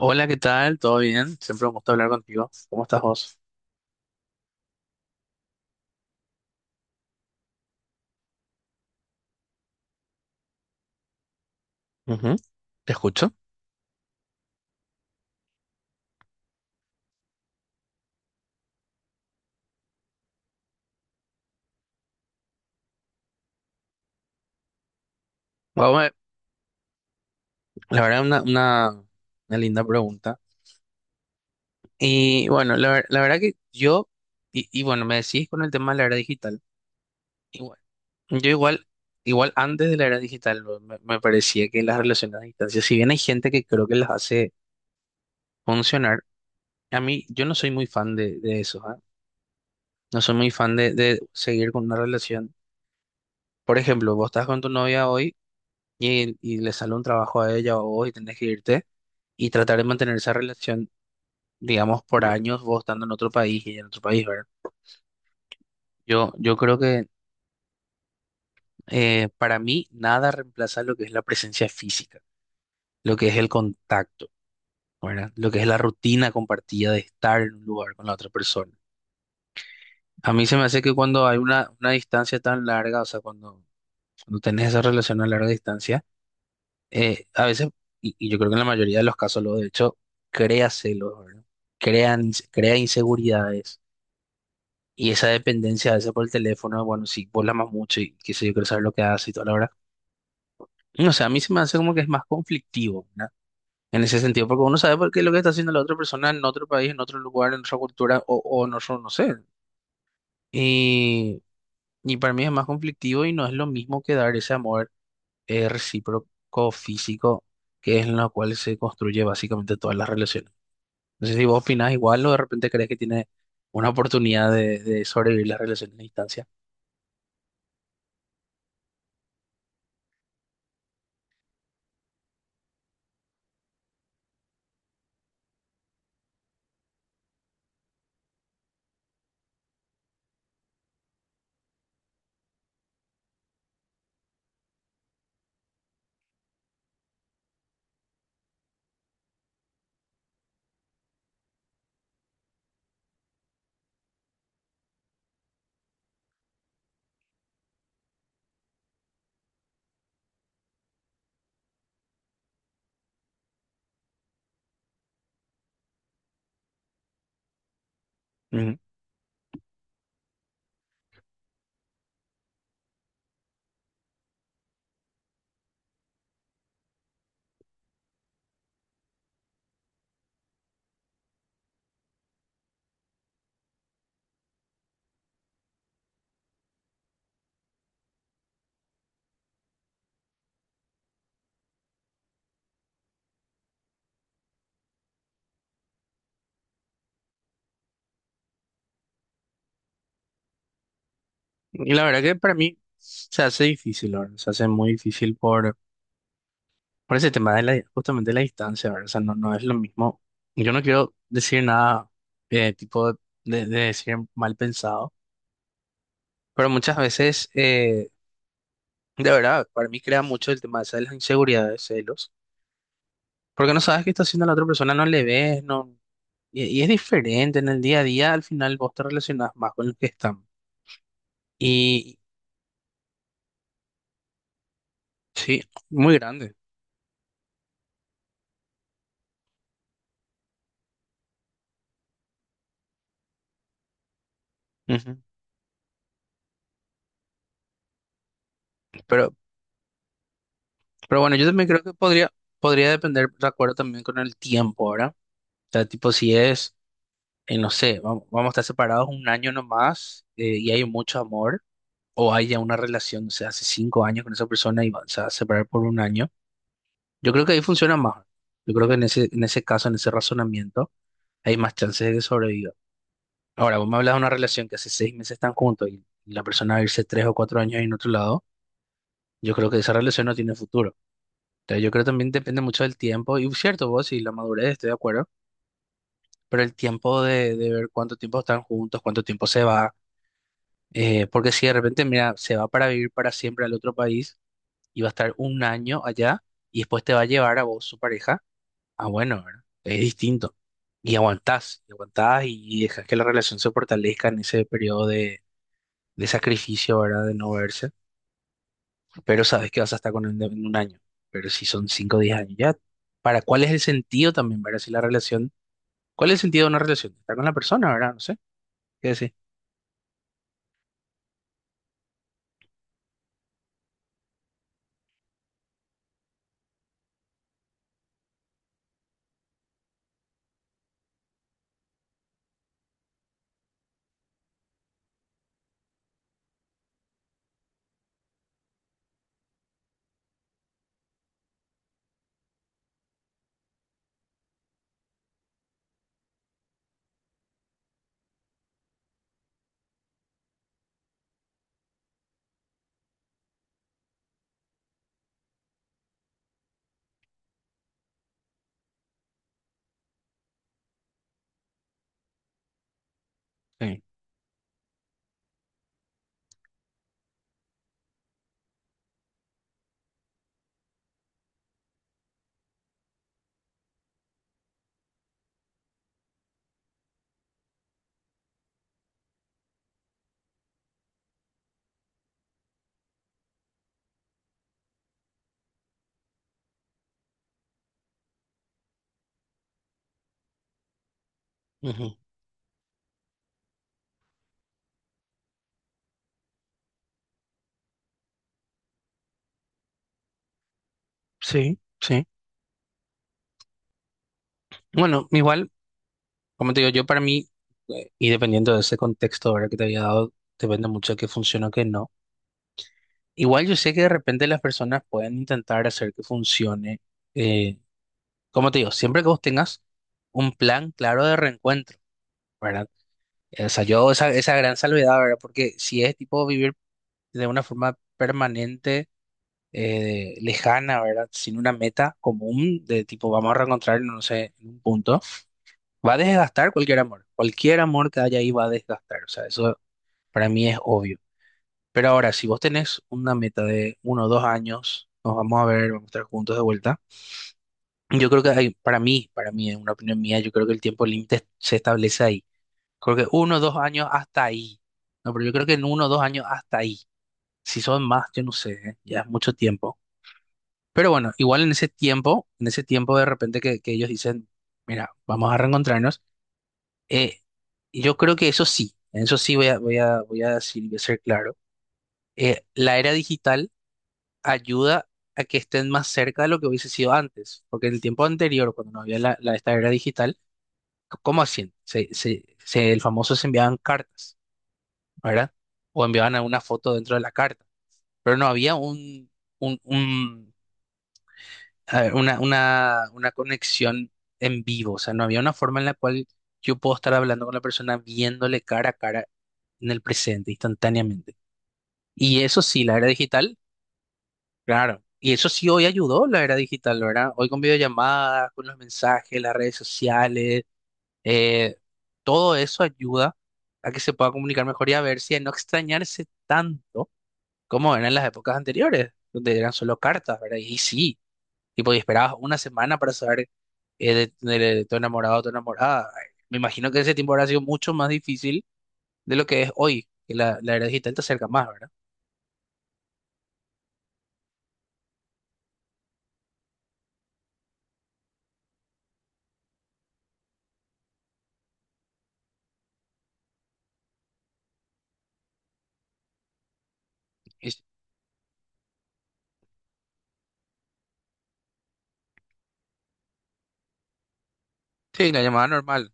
Hola, ¿qué tal? ¿Todo bien? Siempre un gusto hablar contigo. ¿Cómo estás vos? Ujú. Te escucho. Guau, la verdad, una linda pregunta. Y bueno, la verdad que yo, y bueno, me decís con el tema de la era digital. Igual, yo igual, igual antes de la era digital bro, me parecía que las relaciones a distancia, si bien hay gente que creo que las hace funcionar, a mí yo no soy muy fan de eso, ¿ah? No soy muy fan de seguir con una relación. Por ejemplo, vos estás con tu novia hoy. Y y le sale un trabajo a ella o a vos y tenés que irte y tratar de mantener esa relación, digamos, por años, vos estando en otro país y ella en otro país, ¿verdad? Yo creo que para mí nada reemplaza lo que es la presencia física, lo que es el contacto, ¿verdad? Lo que es la rutina compartida de estar en un lugar con la otra persona. A mí se me hace que cuando hay una distancia tan larga, o sea, cuando tenés esa relación a larga distancia, a veces, y yo creo que en la mayoría de los casos, lo de hecho, crea celos, ¿verdad? Crea inseguridades. Y esa dependencia a veces por el teléfono, bueno, si vos la amas mucho y qué sé yo, quiero saber lo que hace y toda la hora. No sé, a mí se me hace como que es más conflictivo, ¿verdad? En ese sentido, porque uno sabe por qué lo que está haciendo la otra persona en otro país, en otro lugar, en otra cultura o en otro, no sé. Y, y para mí es más conflictivo y no es lo mismo que dar ese amor recíproco físico, que es en lo cual se construye básicamente todas las relaciones. No sé si vos opinás igual o de repente crees que tiene una oportunidad de sobrevivir las relaciones a distancia. Ujú. Y la verdad que para mí se hace difícil, ¿verdad? Se hace muy difícil por ese tema de la, justamente de la distancia, ¿verdad? O sea, no, no es lo mismo. Yo no quiero decir nada tipo de decir mal pensado, pero muchas veces, de verdad, para mí crea mucho el tema ese de las inseguridades, celos. Porque no sabes qué está haciendo la otra persona, no le ves, no. Y y es diferente, en el día a día al final vos te relacionás más con los que están. Y sí, muy grande. Ujú. Pero, pero bueno, yo también creo que podría, podría depender, de acuerdo también con el tiempo, ¿verdad? O sea, tipo, si es, no sé, vamos a estar separados un año nomás, y hay mucho amor, o hay ya una relación, o sea, hace cinco años con esa persona y se va a separar por un año, yo creo que ahí funciona más. Yo creo que en ese caso, en ese razonamiento hay más chances de que sobreviva. Ahora, vos me hablas de una relación que hace seis meses están juntos y la persona va a irse tres o cuatro años en otro lado, yo creo que esa relación no tiene futuro. Entonces, yo creo que también depende mucho del tiempo, y cierto, vos y la madurez, estoy de acuerdo, pero el tiempo de ver cuánto tiempo están juntos, cuánto tiempo se va, porque si de repente, mira, se va para vivir para siempre al otro país y va a estar un año allá y después te va a llevar a vos, su pareja, ah, bueno, ¿verdad? Es distinto. Y aguantás, y aguantás y dejas que la relación se fortalezca en ese periodo de sacrificio, ¿verdad? De no verse, pero sabes que vas a estar con él en un año. Pero si son 5 o 10 años, ya, ¿para ¿cuál es el sentido también, ¿verdad? Si la relación, ¿cuál es el sentido de una relación? Estar con la persona, ¿verdad? No sé, ¿qué decir? Sí. Ujú. Sí, sí. Bueno, igual, como te digo, yo para mí, y dependiendo de ese contexto, ¿verdad? Que te había dado, depende mucho de qué funciona o qué no. Igual yo sé que de repente las personas pueden intentar hacer que funcione, eh, como te digo, siempre que vos tengas un plan claro de reencuentro. ¿Verdad? O sea, yo esa, esa gran salvedad, ¿verdad? Porque si es tipo vivir de una forma permanente, lejana, ¿verdad? Sin una meta común de tipo vamos a reencontrarnos, no sé, en un punto, va a desgastar cualquier amor. Cualquier amor que haya ahí va a desgastar. O sea, eso para mí es obvio. Pero ahora, si vos tenés una meta de uno o dos años, nos vamos a ver, vamos a estar juntos de vuelta. Yo creo que para mí, en una opinión mía, yo creo que el tiempo límite se establece ahí. Creo que uno o dos años hasta ahí. No, pero yo creo que en uno o dos años hasta ahí. Si son más, yo no sé, ¿eh? Ya es mucho tiempo. Pero bueno, igual en ese tiempo de repente que ellos dicen, mira, vamos a reencontrarnos, eh, yo creo que eso sí, en eso sí voy a, voy a decir, voy a ser claro, la era digital ayuda a que estén más cerca de lo que hubiese sido antes, porque en el tiempo anterior, cuando no había esta era digital, ¿cómo hacían? El famoso se enviaban cartas, ¿verdad? O enviaban alguna foto dentro de la carta, pero no había un, un- a ver, una conexión en vivo, o sea, no había una forma en la cual yo puedo estar hablando con la persona viéndole cara a cara en el presente, instantáneamente. Y eso sí, la era digital, claro. Y eso sí hoy ayudó la era digital, ¿verdad? Hoy con videollamadas, con los mensajes, las redes sociales, eh, todo eso ayuda a que se pueda comunicar mejor y a ver si a no extrañarse tanto como eran las épocas anteriores, donde eran solo cartas, ¿verdad? Y sí, tipo, y esperabas una semana para saber, de, de tu enamorado o tu enamorada. Me imagino que ese tiempo habrá sido mucho más difícil de lo que es hoy, que la era digital te acerca más, ¿verdad? Y sí, la llamada normal.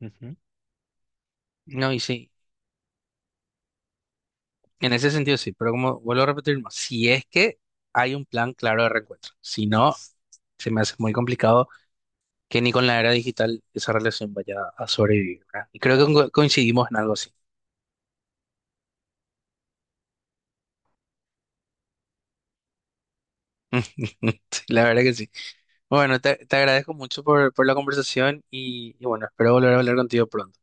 Ujú. No, y sí, en ese sentido sí, pero como vuelvo a repetir, más, si es que hay un plan claro de reencuentro, si no, se me hace muy complicado que ni con la era digital esa relación vaya a sobrevivir, ¿verdad? Y creo que coincidimos en algo así. Sí, la verdad que sí. Bueno, te agradezco mucho por la conversación y bueno, espero volver a hablar contigo pronto.